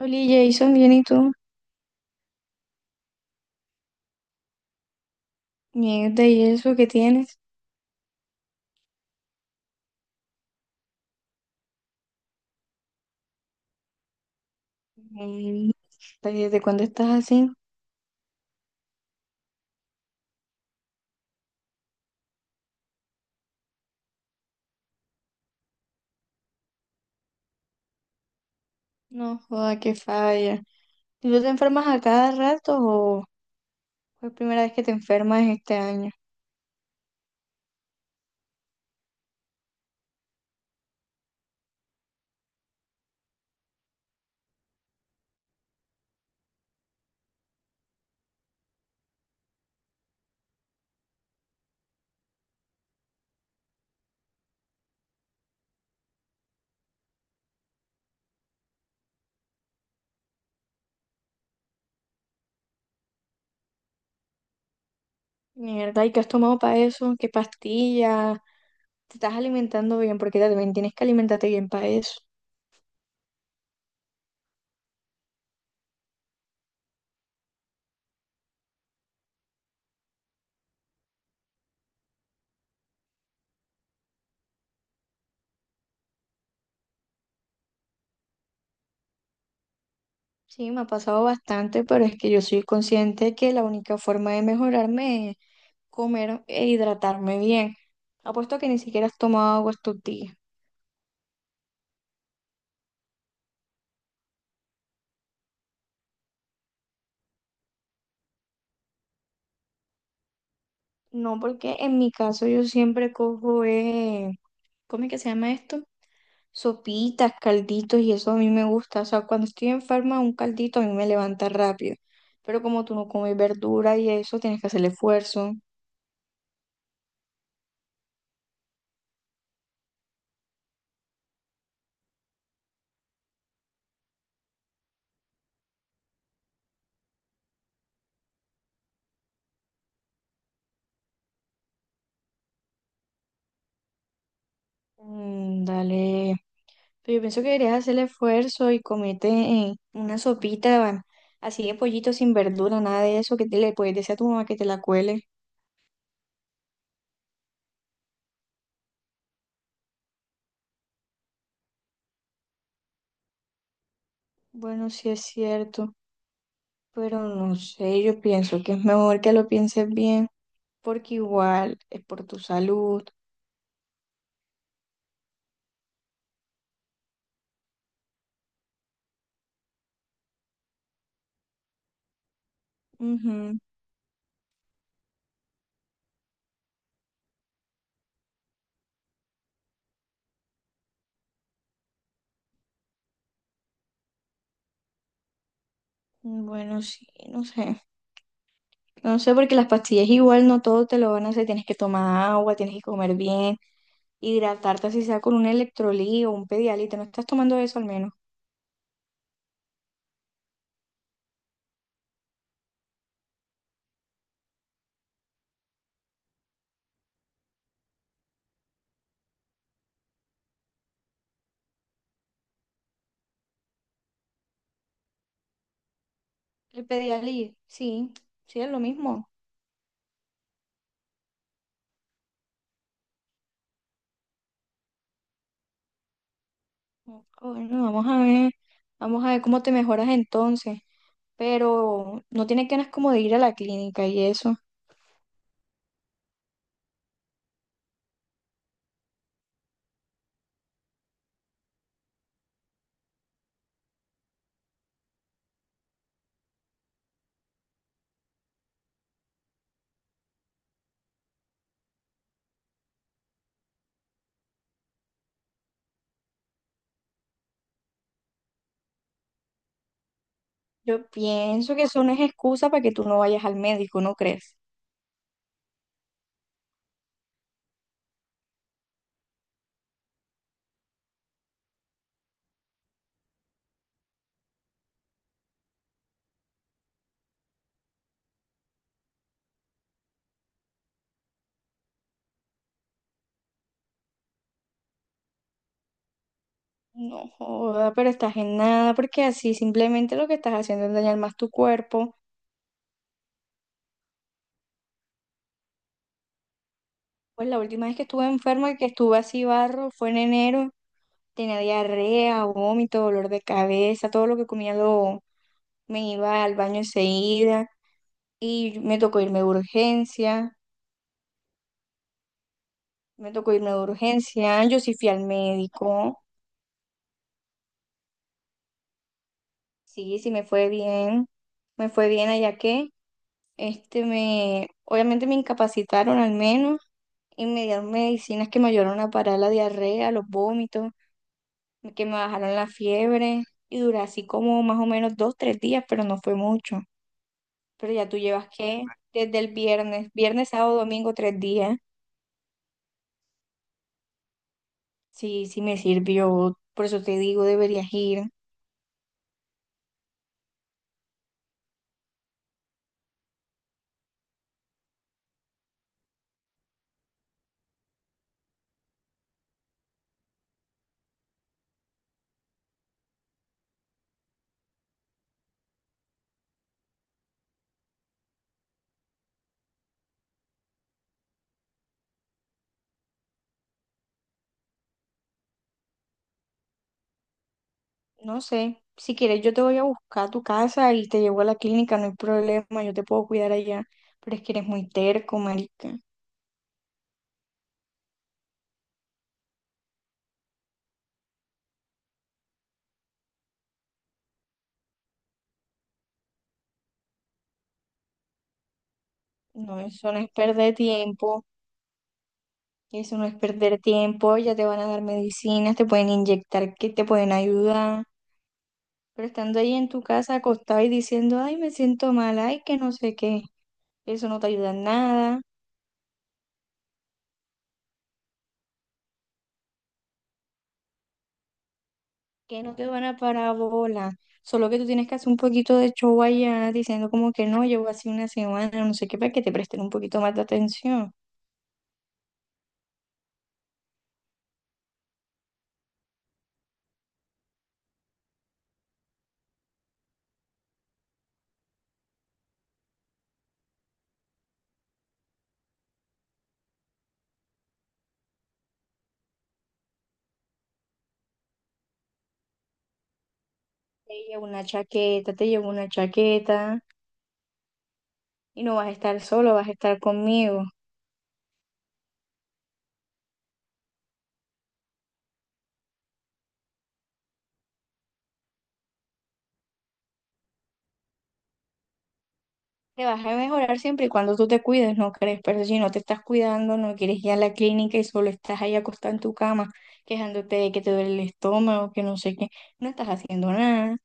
Oli, Jason, bien, ¿y tú? Mierda, ¿y eso que tienes? Mm, ¿desde cuándo estás así? No, joda, qué falla. ¿Y tú te enfermas a cada rato o fue la primera vez que te enfermas este año? Mierda, ¿y qué has tomado para eso? ¿Qué pastillas? ¿Te estás alimentando bien? Porque también tienes que alimentarte bien para eso. Sí, me ha pasado bastante, pero es que yo soy consciente que la única forma de mejorarme es comer e hidratarme bien. Apuesto a que ni siquiera has tomado agua estos días. No, porque en mi caso yo siempre cojo, ¿cómo es que se llama esto? Sopitas, calditos y eso a mí me gusta. O sea, cuando estoy enferma, un caldito a mí me levanta rápido. Pero como tú no comes verdura y eso, tienes que hacer el esfuerzo. Mm, dale. Pero yo pienso que deberías hacer el esfuerzo y comete una sopita así de pollito sin verdura, nada de eso, que te le puedes decir a tu mamá que te la cuele. Bueno, sí es cierto, pero no sé, yo pienso que es mejor que lo pienses bien, porque igual es por tu salud. Ujú. Bueno, sí, no sé. No sé, porque las pastillas igual no todo te lo van a hacer. Tienes que tomar agua, tienes que comer bien, hidratarte así sea con un electrolí o un Pedialyte. ¿Te no estás tomando eso al menos? El Pedialyte, sí, sí es lo mismo. Bueno, vamos a ver cómo te mejoras entonces. Pero no tienes ganas como de ir a la clínica y eso. Yo pienso que eso no es excusa para que tú no vayas al médico, ¿no crees? No joda, pero estás en nada, porque así simplemente lo que estás haciendo es dañar más tu cuerpo. Pues la última vez que estuve enferma, que estuve así barro, fue en enero. Tenía diarrea, vómito, dolor de cabeza, todo lo que comía lo, me iba al baño enseguida. Y me tocó irme de urgencia, me tocó irme de urgencia. Yo sí fui al médico, sí, sí me fue bien allá que, me, obviamente me incapacitaron al menos y me dieron medicinas que me ayudaron a parar la diarrea, los vómitos, que me bajaron la fiebre y duré así como más o menos dos, tres días, pero no fue mucho. Pero ya tú llevas que desde el viernes, viernes, sábado, domingo, tres días. Sí, sí me sirvió, por eso te digo, deberías ir. No sé, si quieres yo te voy a buscar a tu casa y te llevo a la clínica, no hay problema, yo te puedo cuidar allá, pero es que eres muy terco, marica. No, eso no es perder tiempo. Eso no es perder tiempo, ya te van a dar medicinas, te pueden inyectar, que te pueden ayudar, pero estando ahí en tu casa acostado y diciendo, ay, me siento mal, ay, que no sé qué, eso no te ayuda en nada, que no te van a parábola, solo que tú tienes que hacer un poquito de show allá diciendo como que no, llevo así una semana, no sé qué, para que te presten un poquito más de atención. Te llevo una chaqueta, te llevo una chaqueta y no vas a estar solo, vas a estar conmigo. Te vas a mejorar siempre y cuando tú te cuides, ¿no crees? Pero si no te estás cuidando, no quieres ir a la clínica y solo estás ahí acostada en tu cama, quejándote de que te duele el estómago, que no sé qué, no estás haciendo nada.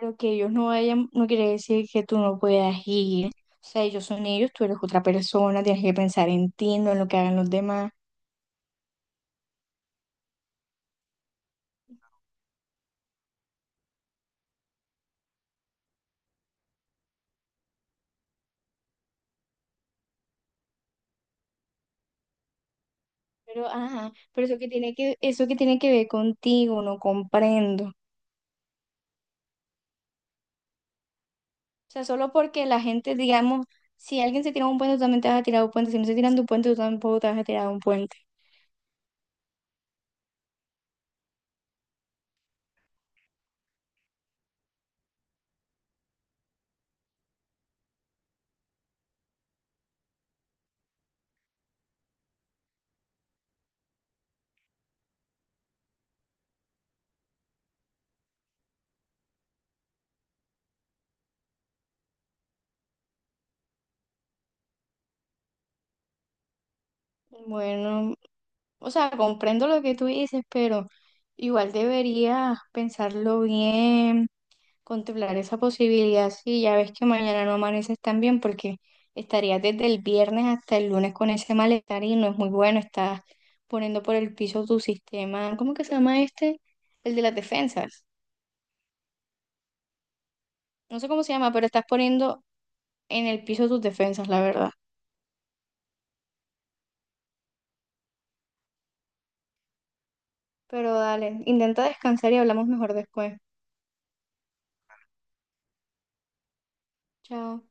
Lo que ellos no vayan, no quiere decir que tú no puedas ir. O sea, ellos son ellos, tú eres otra persona, tienes que pensar en ti, no en lo que hagan los demás. Pero, ajá, pero eso que tiene que ver contigo, no comprendo. O sea, solo porque la gente, digamos, si alguien se tira de un puente, tú también te vas a tirar de un puente. Si no se tiran de un puente, tú tampoco te vas a tirar de un puente. Bueno, o sea, comprendo lo que tú dices, pero igual deberías pensarlo bien, contemplar esa posibilidad. Sí, ya ves que mañana no amaneces tan bien porque estarías desde el viernes hasta el lunes con ese malestar y no es muy bueno. Estás poniendo por el piso tu sistema, ¿cómo que se llama este? El de las defensas. No sé cómo se llama, pero estás poniendo en el piso tus defensas, la verdad. Pero dale, intenta descansar y hablamos mejor después. Chao.